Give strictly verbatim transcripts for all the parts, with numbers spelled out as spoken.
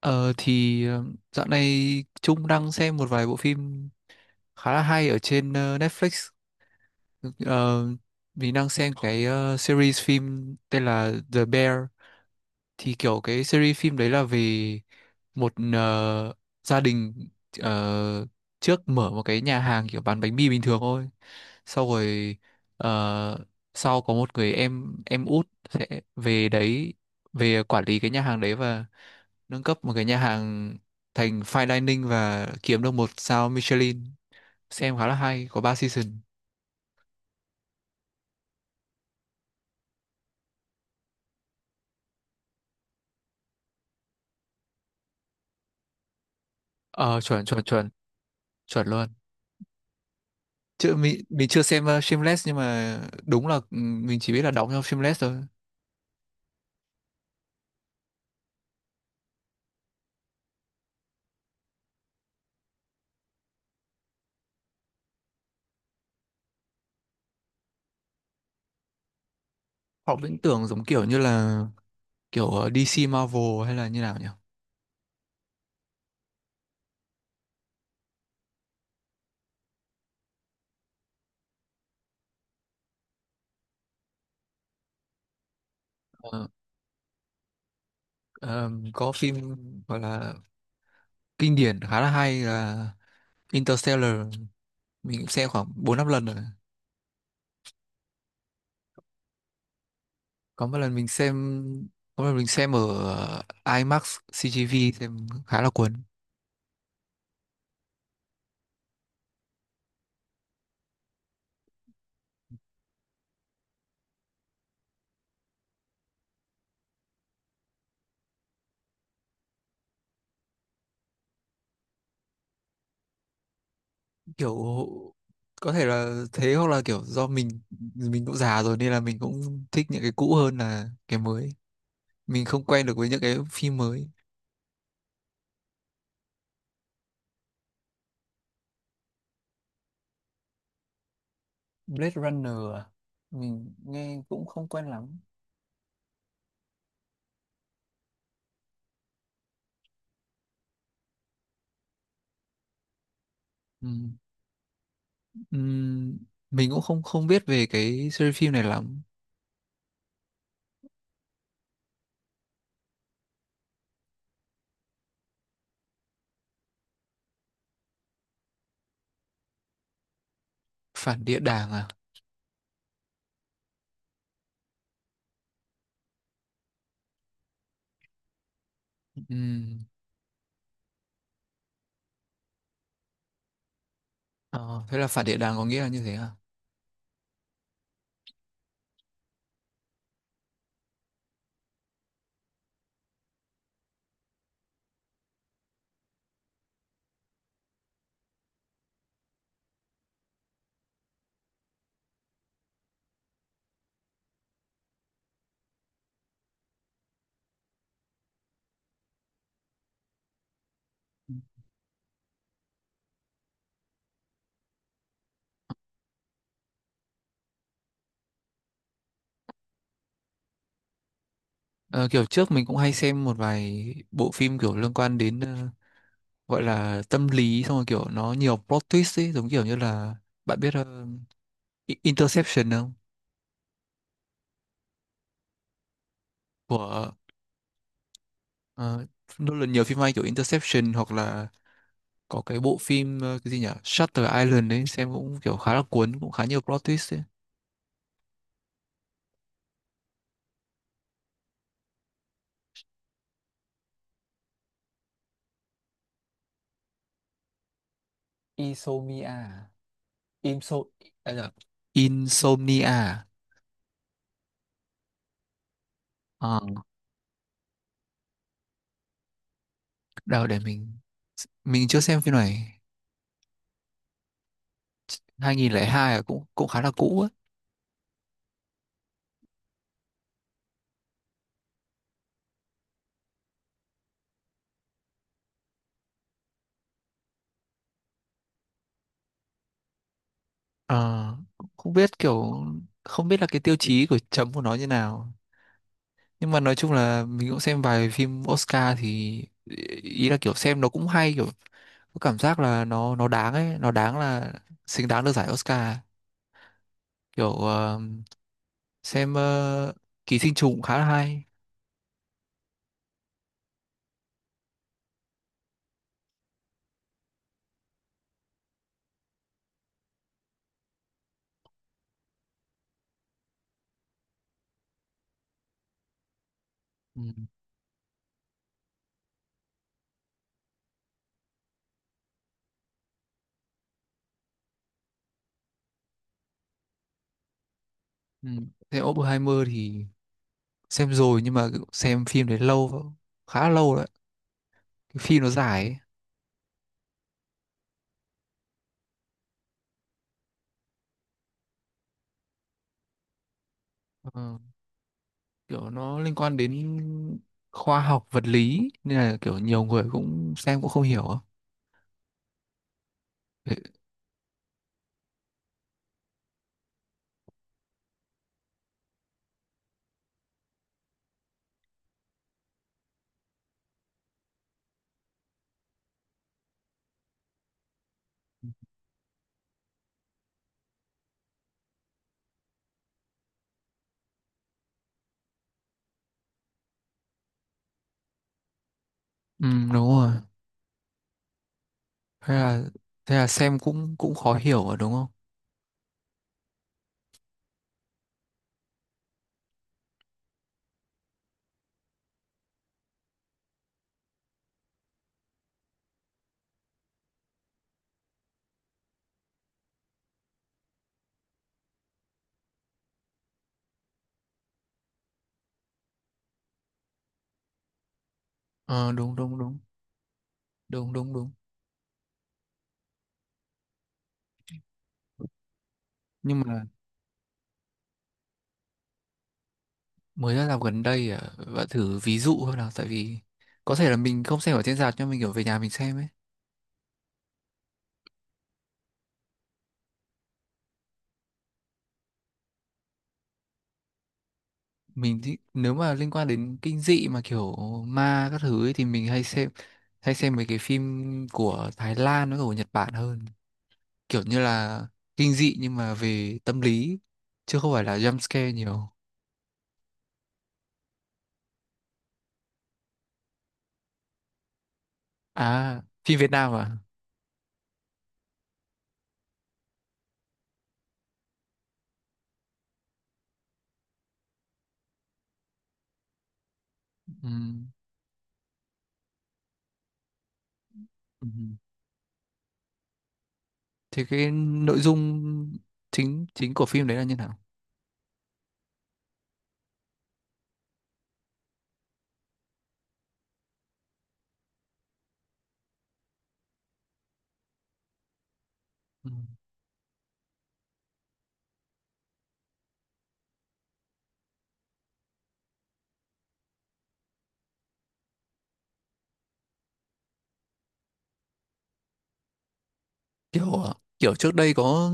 Ờ thì ờ, dạo này Trung đang xem một vài bộ phim khá là hay ở trên ờ, Netflix. Ờ, mình đang xem cái ờ, series phim tên là The Bear. Thì kiểu cái series phim đấy là về một ờ, gia đình ờ, trước mở một cái nhà hàng kiểu bán bánh mì bình thường thôi. Sau rồi ờ, sau có một người em em út sẽ về đấy về quản lý cái nhà hàng đấy và nâng cấp một cái nhà hàng thành fine dining và kiếm được một sao Michelin, xem khá là hay, có ba season. Ờ, chuẩn chuẩn chuẩn, chuẩn luôn. Chứ mình mình chưa xem uh, Shameless nhưng mà đúng là, ừ, mình chỉ biết là đóng trong Shameless thôi. Họ viễn tưởng giống kiểu như là kiểu ờ, đê xê Marvel hay là như nào nhỉ? Ờ, ờm, có phim gọi là kinh điển khá là hay là Interstellar, mình cũng xem khoảng bốn năm lần rồi. Có một lần mình xem, có một lần mình xem ở ờ, IMAX xê giê vê xem khá là cuốn. Kiểu có thể là thế, hoặc là kiểu do mình mình cũng già rồi nên là mình cũng thích những cái cũ hơn là cái mới, mình không quen được với những cái phim mới. Blade Runner à? Mình nghe cũng không quen lắm. Ừm, ừm, mình cũng không không biết về cái series phim này lắm. Phản địa đàng à? Ừm, ờ, thế là phản địa đàng có nghĩa là như thế à? Ờ, kiểu trước mình cũng hay xem một vài bộ phim kiểu liên quan đến ờ, gọi là tâm lý, xong rồi kiểu nó nhiều plot twist ấy, giống kiểu như là bạn biết ờ, I- Interception không? Của ờ, Nolan nhiều phim hay kiểu Interception, hoặc là có cái bộ phim ờ, cái gì nhỉ Shutter Island ấy, xem cũng kiểu khá là cuốn, cũng khá nhiều plot twist ấy. Isomia à? Imso, à, dạ. Insomnia. Ờ, đâu để mình mình chưa xem phim này. hai nghìn không trăm lẻ hai à, cũng cũng khá là cũ. Ờ, không biết kiểu, không biết là cái tiêu chí của chấm của nó như nào, nhưng mà nói chung là mình cũng xem vài phim Oscar thì ý là kiểu xem nó cũng hay, kiểu có cảm giác là nó nó đáng ấy, nó đáng là xứng đáng được giải Oscar. Kiểu ờ, xem ờ, Ký sinh trùng cũng khá là hay. Ừ. Ừ. Xem Oppenheimer thì xem rồi, nhưng mà xem phim đấy lâu, khá lâu rồi đấy. Cái phim nó dài ấy. Ờ. Kiểu nó liên quan đến khoa học vật lý nên là kiểu nhiều người cũng xem cũng không hiểu á. Thế- Ừ, đúng rồi. Thế là thế là xem cũng cũng khó hiểu rồi đúng không? Ờ đúng đúng đúng. Đúng đúng đúng. Nhưng mà mới ra rạp gần đây à, bạn thử ví dụ thôi nào, tại vì có thể là mình không xem ở trên rạp nhưng mình kiểu về nhà mình xem ấy. Mình thì nếu mà liên quan đến kinh dị mà kiểu ma các thứ ấy, thì mình hay xem, hay xem mấy cái phim của Thái Lan với cả của Nhật Bản hơn, kiểu như là kinh dị nhưng mà về tâm lý chứ không phải là jump scare nhiều. À, phim Việt Nam à? Ừm, ừm. Thì cái nội dung chính chính của phim đấy là như nào? Ừm. Kiểu à, kiểu trước đây có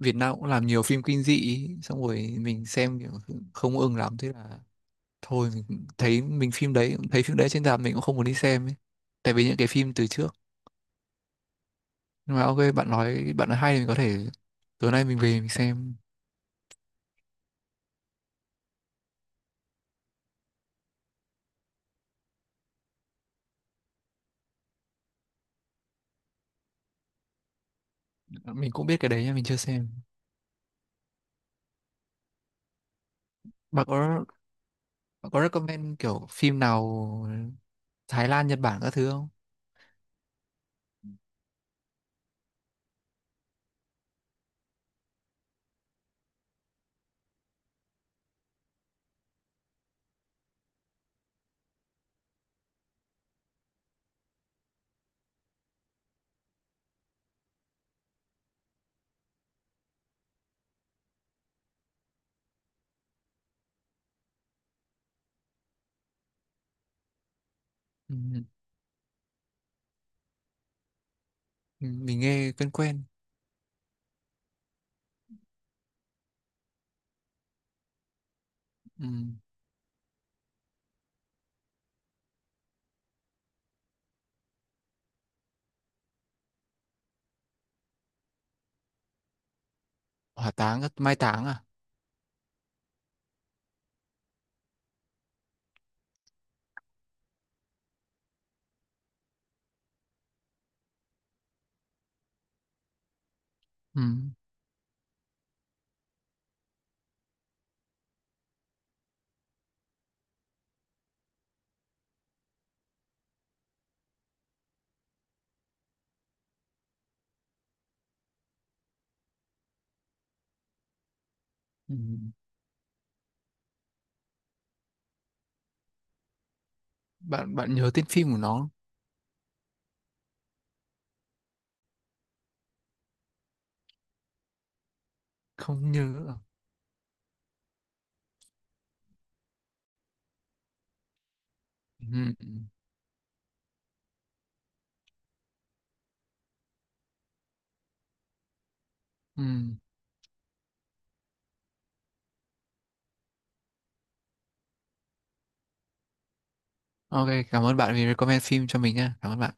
Việt Nam cũng làm nhiều phim kinh dị ý, xong rồi mình xem kiểu không ưng lắm, thế là thôi, mình thấy mình phim đấy, thấy phim đấy trên rạp mình cũng không muốn đi xem ấy, tại vì những cái phim từ trước. Nhưng mà ok, bạn nói, bạn nói hay thì mình có thể tối nay mình về mình xem. Mình cũng biết cái đấy nhưng mình chưa xem. Bạn có, bạn có recommend kiểu phim nào Thái Lan Nhật Bản các thứ không? Ừ, mình nghe quen quen. Ừ, hỏa táng mai táng à? Ừ, ừ. bạn bạn nhớ tên phim của nó không? Không nhớ à? Ừ, ừ. Ừ. Ok, cảm ơn bạn vì recommend phim cho mình nha, cảm ơn bạn.